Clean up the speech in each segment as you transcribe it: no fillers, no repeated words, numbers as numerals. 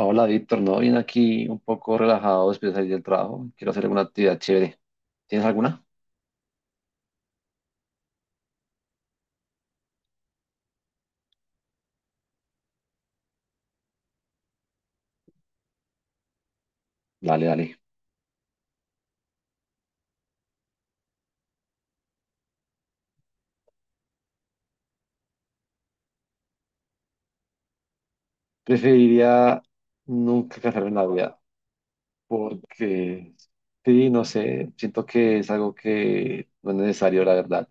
Hola, Víctor. No, vine aquí un poco relajado después de salir del trabajo. Quiero hacer alguna actividad chévere. ¿Tienes alguna? Dale, dale. Preferiría nunca casarme en la vida, porque sí, no sé, siento que es algo que no es necesario, la verdad.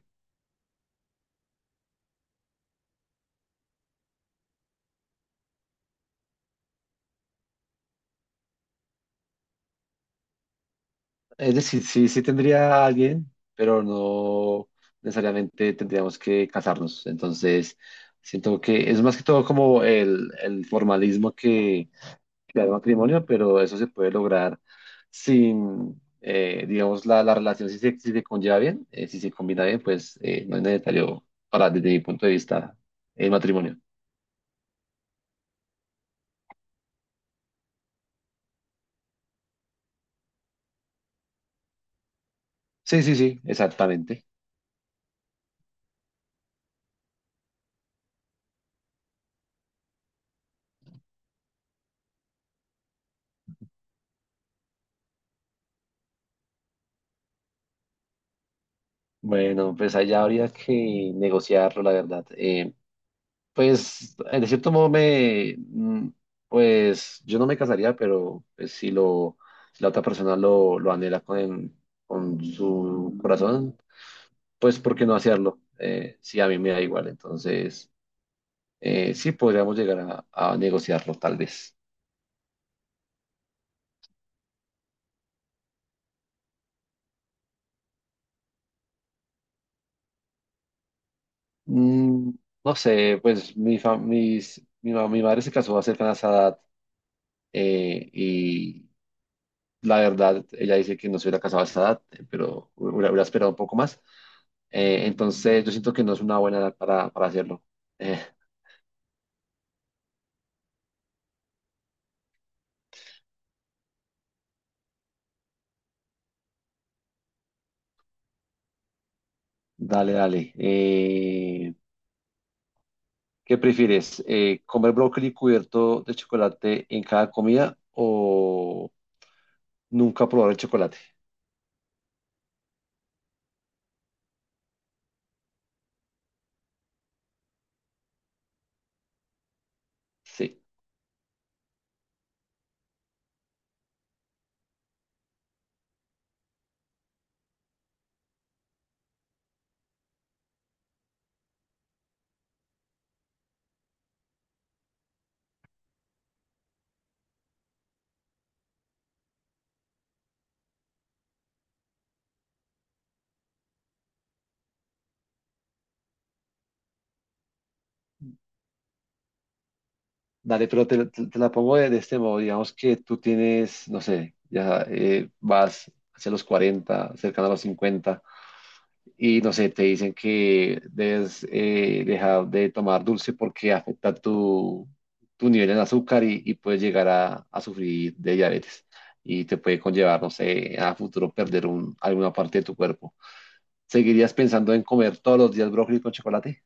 Es decir, sí, sí tendría a alguien, pero no necesariamente tendríamos que casarnos. Entonces, siento que es más que todo como el formalismo que crear matrimonio, pero eso se puede lograr sin, digamos, la relación, si se conlleva bien, si se combina bien, pues no es necesario, desde mi punto de vista, el matrimonio. Sí, sí, sí, exactamente. Bueno, pues allá habría que negociarlo, la verdad. Pues, de cierto modo, pues, yo no me casaría, pero pues, si la otra persona lo anhela con su corazón, pues ¿por qué no hacerlo? Sí, a mí me da igual, entonces sí podríamos llegar a negociarlo tal vez. Mm, no sé, pues mi, fa- mis- mi, ma- mi madre se casó a cercana a esa edad, y la verdad, ella dice que no se hubiera casado a esa edad, pero hubiera esperado un poco más. Entonces yo siento que no es una buena edad para hacerlo. Eh, dale, dale. ¿Qué prefieres? ¿Comer brócoli cubierto de chocolate en cada comida o nunca probar el chocolate? Sí. Dale, pero te la pongo de este modo. Digamos que tú tienes, no sé, ya vas hacia los 40, cercano a los 50, y no sé, te dicen que debes dejar de tomar dulce porque afecta tu nivel en azúcar y puedes llegar a sufrir de diabetes. Y te puede conllevar, no sé, a futuro perder alguna parte de tu cuerpo. ¿Seguirías pensando en comer todos los días brócoli con chocolate?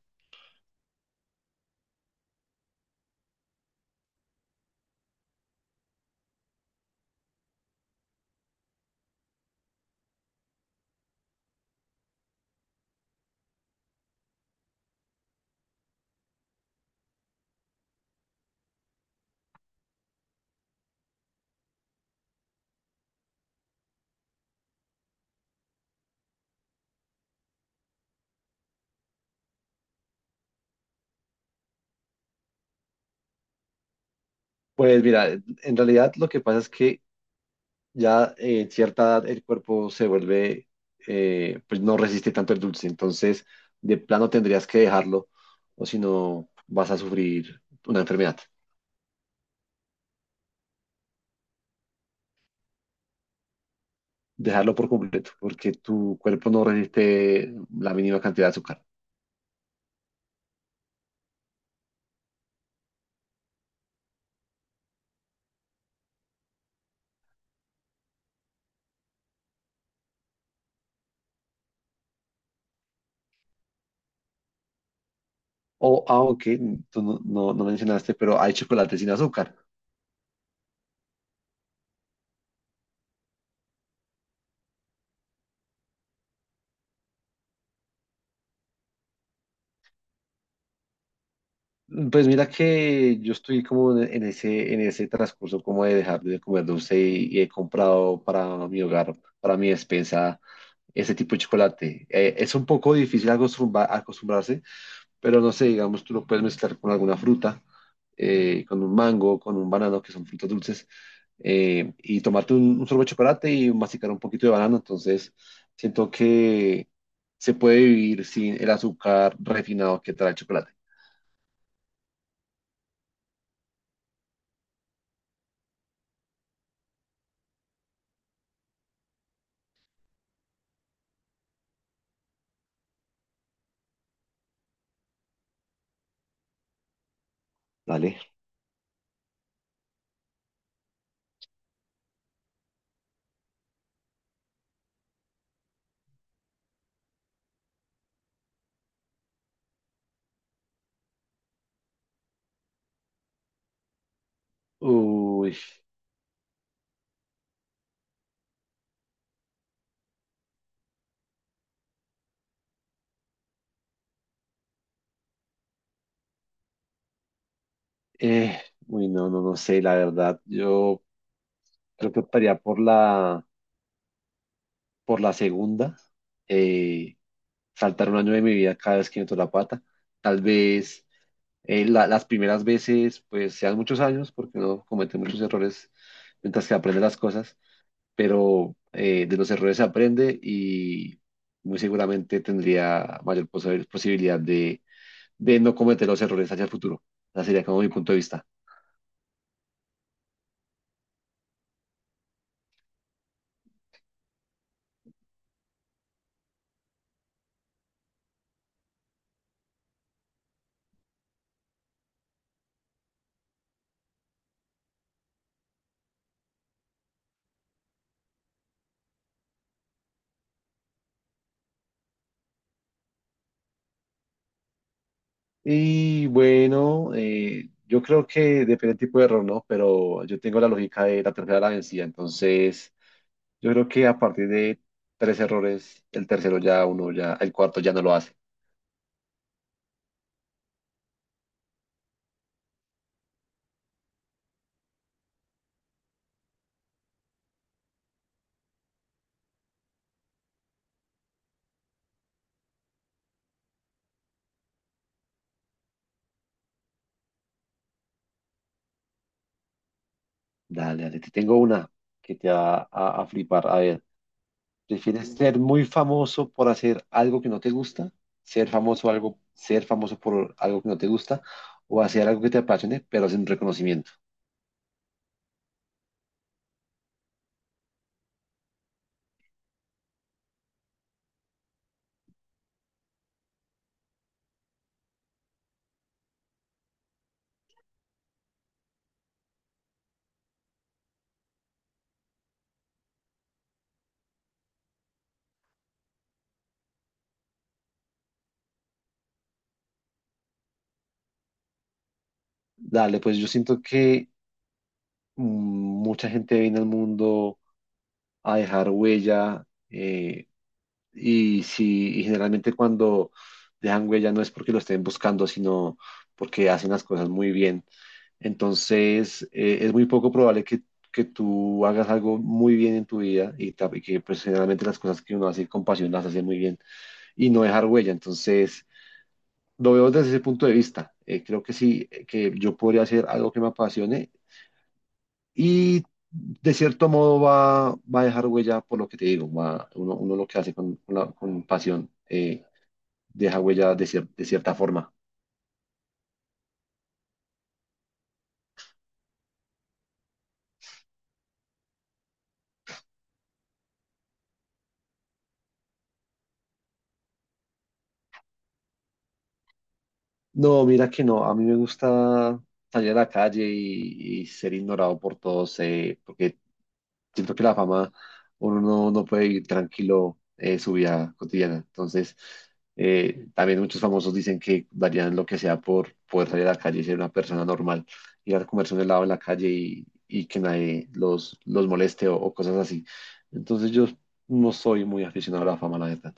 Pues mira, en realidad lo que pasa es que ya en cierta edad el cuerpo se vuelve, pues no resiste tanto el dulce, entonces de plano tendrías que dejarlo o si no vas a sufrir una enfermedad. Dejarlo por completo, porque tu cuerpo no resiste la mínima cantidad de azúcar. O, aunque tú no, no, no mencionaste, pero hay chocolate sin azúcar. Pues mira que yo estoy como en ese transcurso como de dejar de comer dulce y he comprado para mi hogar, para mi despensa ese tipo de chocolate. Es un poco difícil acostumbrarse, pero no sé, digamos, tú lo puedes mezclar con alguna fruta, con un mango, con un banano, que son frutas dulces, y tomarte un sorbo de chocolate y masticar un poquito de banano. Entonces, siento que se puede vivir sin el azúcar refinado que trae el chocolate. Dale. Uy, eh, uy, no, no, no sé, la verdad. Yo creo que optaría por la segunda. Eh, saltar un año de mi vida cada vez que meto la pata. Tal vez las primeras veces pues sean muchos años porque uno comete muchos errores mientras que aprende las cosas, pero de los errores se aprende y muy seguramente tendría mayor posibilidad de no cometer los errores hacia el futuro. Ese sería como mi punto de vista. Y bueno, yo creo que depende del tipo de error, ¿no? Pero yo tengo la lógica de la tercera de la vencida, entonces. Yo creo que a partir de tres errores, el tercero ya uno ya, el cuarto ya no lo hace. Dale, dale, te tengo una que te va a flipar. A ver, ¿prefieres ser muy famoso por hacer algo que no te gusta? Ser famoso por algo que no te gusta o hacer algo que te apasione, pero sin reconocimiento. Dale, pues yo siento que mucha gente viene al mundo a dejar huella, Y si y generalmente cuando dejan huella no es porque lo estén buscando, sino porque hacen las cosas muy bien. Entonces, es muy poco probable que tú hagas algo muy bien en tu vida y que pues, generalmente las cosas que uno hace con pasión las hace muy bien y no dejar huella. Entonces, lo veo desde ese punto de vista. Creo que sí, que yo podría hacer algo que me apasione y de cierto modo va a dejar huella por lo que te digo, uno lo que hace con pasión. Deja huella de cierta forma. No, mira que no, a mí me gusta salir a la calle y ser ignorado por todos, porque siento que la fama uno no, no puede ir tranquilo su vida cotidiana. Entonces, también muchos famosos dicen que darían lo que sea por poder salir a la calle y ser una persona normal, ir a comerse un helado en la calle y que nadie los moleste o cosas así. Entonces, yo no soy muy aficionado a la fama, la verdad.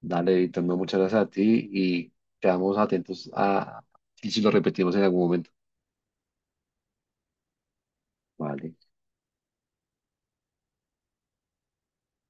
Dale, Víctor, no, muchas gracias a ti y quedamos atentos a y si lo repetimos en algún momento. Vale.